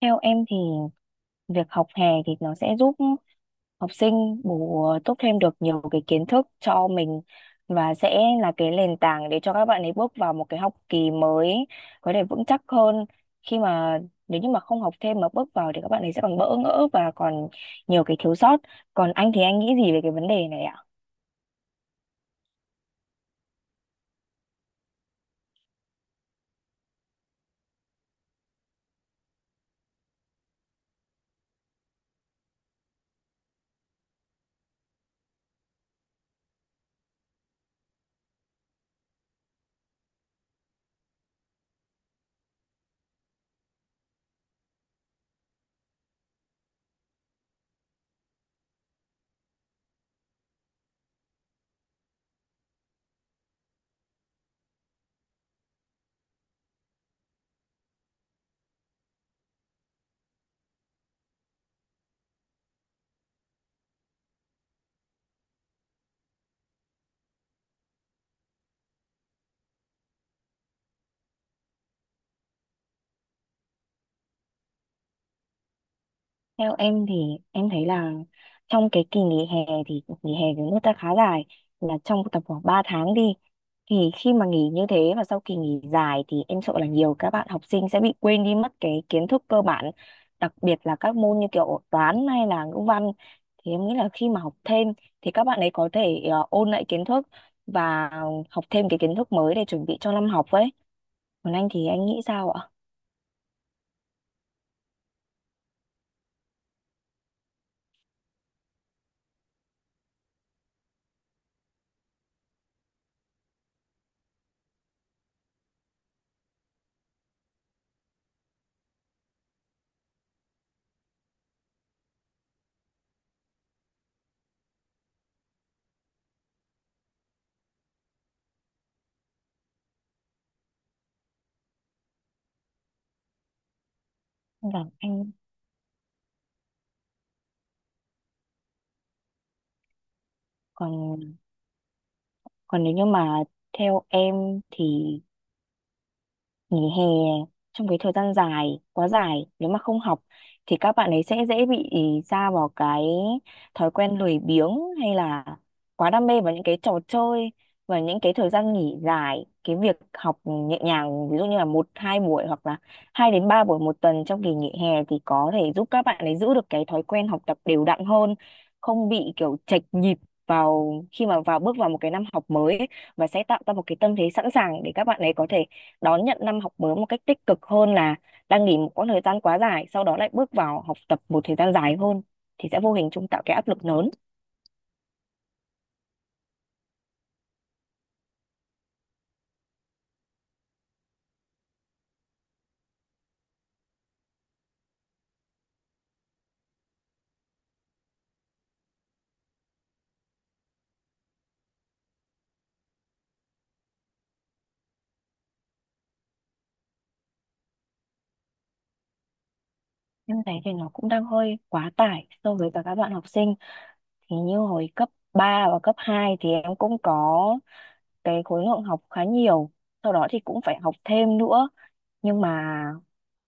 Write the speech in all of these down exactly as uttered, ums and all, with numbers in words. Theo em thì việc học hè thì nó sẽ giúp học sinh bổ túc thêm được nhiều cái kiến thức cho mình và sẽ là cái nền tảng để cho các bạn ấy bước vào một cái học kỳ mới có thể vững chắc hơn khi mà nếu như mà không học thêm mà bước vào thì các bạn ấy sẽ còn bỡ ngỡ và còn nhiều cái thiếu sót. Còn anh thì anh nghĩ gì về cái vấn đề này ạ? Theo em thì em thấy là trong cái kỳ nghỉ hè thì nghỉ hè của nước ta khá dài, là trong tầm khoảng ba tháng đi, thì khi mà nghỉ như thế và sau kỳ nghỉ dài thì em sợ là nhiều các bạn học sinh sẽ bị quên đi mất cái kiến thức cơ bản, đặc biệt là các môn như kiểu toán hay là ngữ văn. Thì em nghĩ là khi mà học thêm thì các bạn ấy có thể ờ, ôn lại kiến thức và học thêm cái kiến thức mới để chuẩn bị cho năm học ấy. Còn anh thì anh nghĩ sao ạ? Vâng, anh. Còn còn nếu như mà theo em thì nghỉ hè trong cái thời gian dài quá dài, nếu mà không học thì các bạn ấy sẽ dễ bị sa vào cái thói quen lười biếng hay là quá đam mê vào những cái trò chơi. Và những cái thời gian nghỉ dài, cái việc học nhẹ nhàng ví dụ như là một hai buổi hoặc là hai đến ba buổi một tuần trong kỳ nghỉ hè thì có thể giúp các bạn ấy giữ được cái thói quen học tập đều đặn hơn, không bị kiểu chệch nhịp vào khi mà vào bước vào một cái năm học mới ấy, và sẽ tạo ra một cái tâm thế sẵn sàng để các bạn ấy có thể đón nhận năm học mới một cách tích cực hơn là đang nghỉ một quãng thời gian quá dài sau đó lại bước vào học tập một thời gian dài hơn thì sẽ vô hình chung tạo cái áp lực lớn. Em thấy thì nó cũng đang hơi quá tải so với cả các bạn học sinh. Thì như hồi cấp ba và cấp hai thì em cũng có cái khối lượng học khá nhiều, sau đó thì cũng phải học thêm nữa. Nhưng mà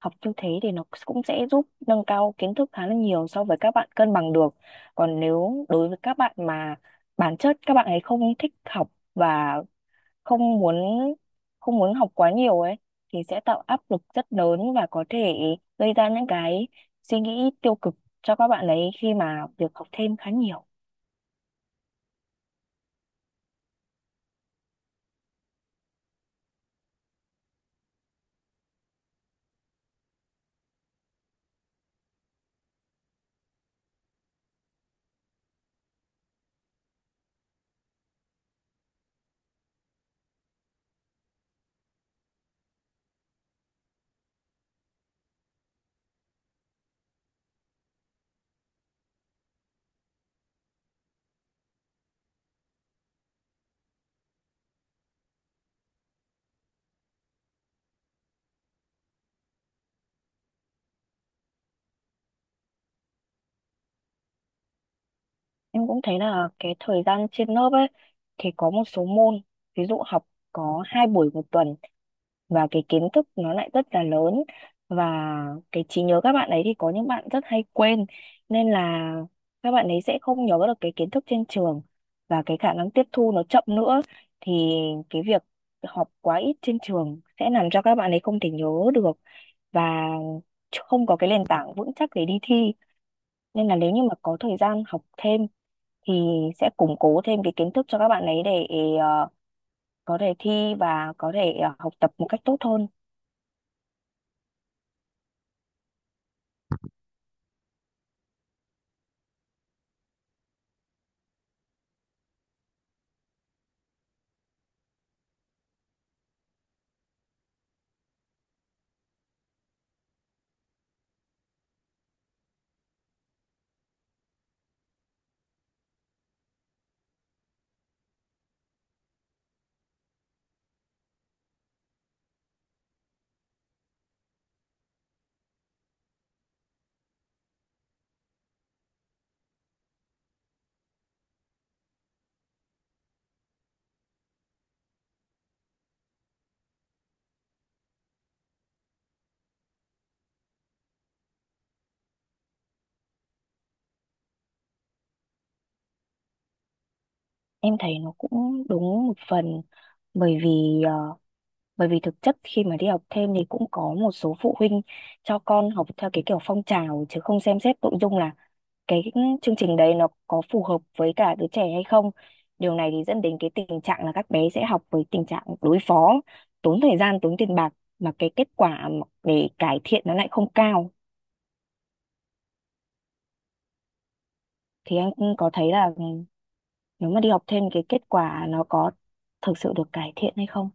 học như thế thì nó cũng sẽ giúp nâng cao kiến thức khá là nhiều so với các bạn cân bằng được. Còn nếu đối với các bạn mà bản chất các bạn ấy không thích học và không muốn không muốn học quá nhiều ấy thì sẽ tạo áp lực rất lớn và có thể gây ra những cái suy nghĩ tiêu cực cho các bạn ấy khi mà việc học thêm khá nhiều. Em cũng thấy là cái thời gian trên lớp ấy thì có một số môn ví dụ học có hai buổi một tuần và cái kiến thức nó lại rất là lớn, và cái trí nhớ các bạn ấy thì có những bạn rất hay quên, nên là các bạn ấy sẽ không nhớ được cái kiến thức trên trường và cái khả năng tiếp thu nó chậm nữa. Thì cái việc học quá ít trên trường sẽ làm cho các bạn ấy không thể nhớ được và không có cái nền tảng vững chắc để đi thi. Nên là nếu như mà có thời gian học thêm thì sẽ củng cố thêm cái kiến thức cho các bạn ấy để ờ, có thể thi và có thể ờ, học tập một cách tốt hơn. Em thấy nó cũng đúng một phần, bởi vì ờ, bởi vì thực chất khi mà đi học thêm thì cũng có một số phụ huynh cho con học theo cái kiểu phong trào chứ không xem xét nội dung là cái chương trình đấy nó có phù hợp với cả đứa trẻ hay không. Điều này thì dẫn đến cái tình trạng là các bé sẽ học với tình trạng đối phó, tốn thời gian tốn tiền bạc mà cái kết quả mà để cải thiện nó lại không cao. Thì anh có thấy là, ừ, nếu mà đi học thêm cái kết quả nó có thực sự được cải thiện hay không?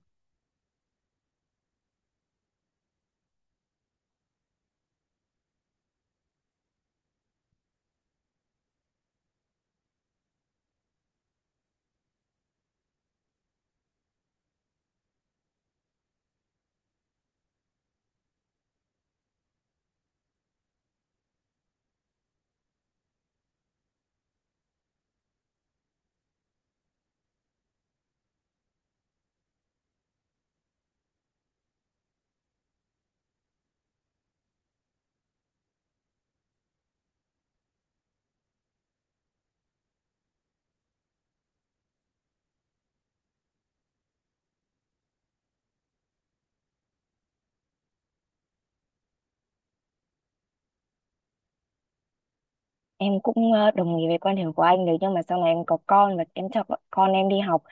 Em cũng ờ, đồng ý với quan điểm của anh đấy, nhưng mà sau này em có con và em cho bọn- con em đi học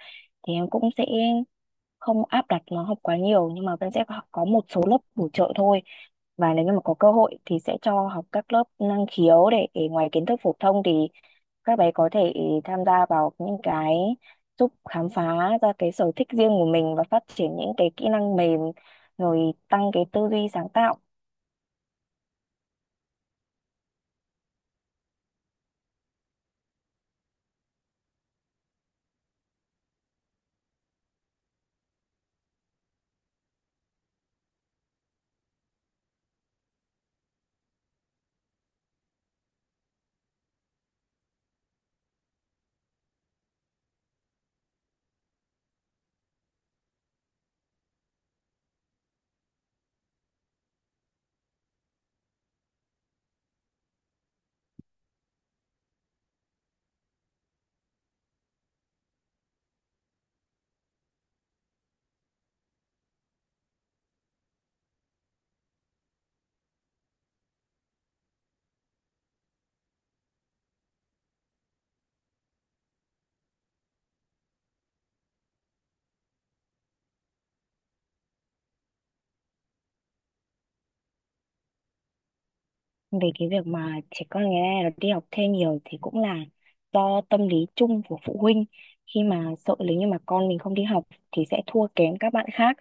thì em cũng sẽ không áp đặt nó học quá nhiều, nhưng mà vẫn sẽ có có một số lớp bổ trợ thôi, và nếu như mà có cơ hội thì sẽ cho học các lớp năng khiếu để, để ngoài kiến thức phổ thông thì các bé có thể tham gia vào những cái giúp khám phá ra cái sở thích riêng của mình và phát triển những cái kỹ năng mềm, rồi tăng cái tư duy sáng tạo. Về cái việc mà trẻ con ngày nay nó đi học thêm nhiều thì cũng là do tâm lý chung của phụ huynh, khi mà sợ nếu như mà con mình không đi học thì sẽ thua kém các bạn khác,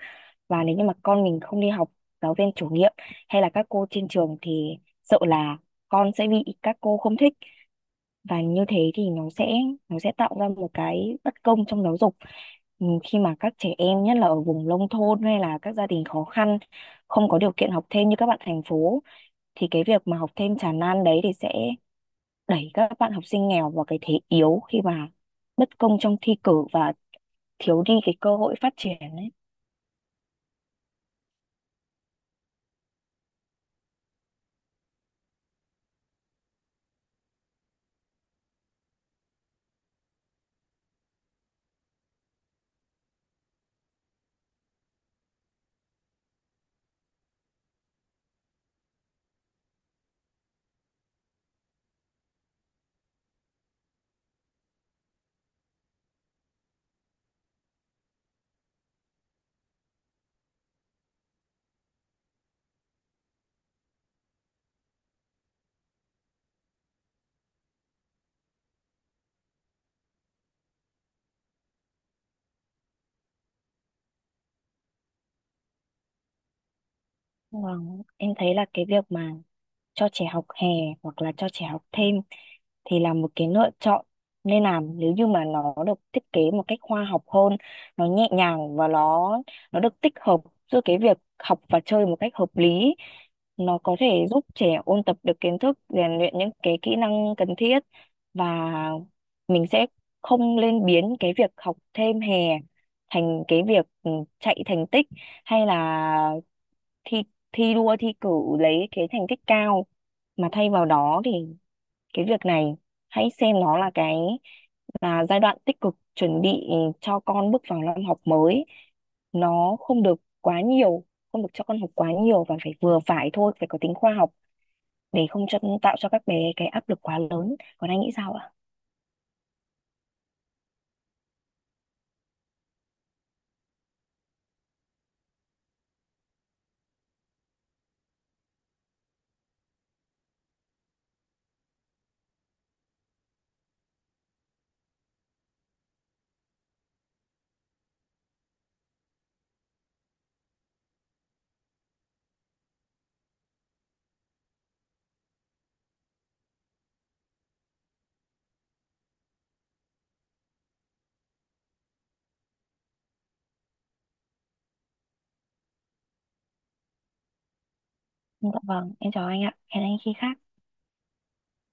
và nếu như mà con mình không đi học giáo viên chủ nhiệm hay là các cô trên trường thì sợ là con sẽ bị các cô không thích, và như thế thì nó sẽ nó sẽ tạo ra một cái bất công trong giáo dục. Ừ, khi mà các trẻ em nhất là ở vùng nông thôn hay là các gia đình khó khăn không có điều kiện học thêm như các bạn thành phố, thì cái việc mà học thêm tràn lan đấy thì sẽ đẩy các bạn học sinh nghèo vào cái thế yếu khi mà bất công trong thi cử và thiếu đi cái cơ hội phát triển ấy. Vâng, em thấy là cái việc mà cho trẻ học hè hoặc là cho trẻ học thêm thì là một cái lựa chọn nên làm nếu như mà nó được thiết kế một cách khoa học hơn, nó nhẹ nhàng và nó nó được tích hợp giữa cái việc học và chơi một cách hợp lý. Nó có thể giúp trẻ ôn tập được kiến thức, rèn luyện những cái kỹ năng cần thiết, và mình sẽ không lên biến cái việc học thêm hè thành cái việc, ừ, chạy thành tích hay là thi thi đua thi cử lấy cái thành tích cao, mà thay vào đó thì cái việc này hãy xem nó là cái, là giai đoạn tích cực chuẩn bị cho con bước vào năm học mới. Nó không được quá nhiều, không được cho con học quá nhiều và phải vừa phải thôi, phải có tính khoa học để không cho, tạo cho các bé cái áp lực quá lớn. Còn anh nghĩ sao ạ? Dạ vâng, em chào anh ạ, hẹn anh khi khác.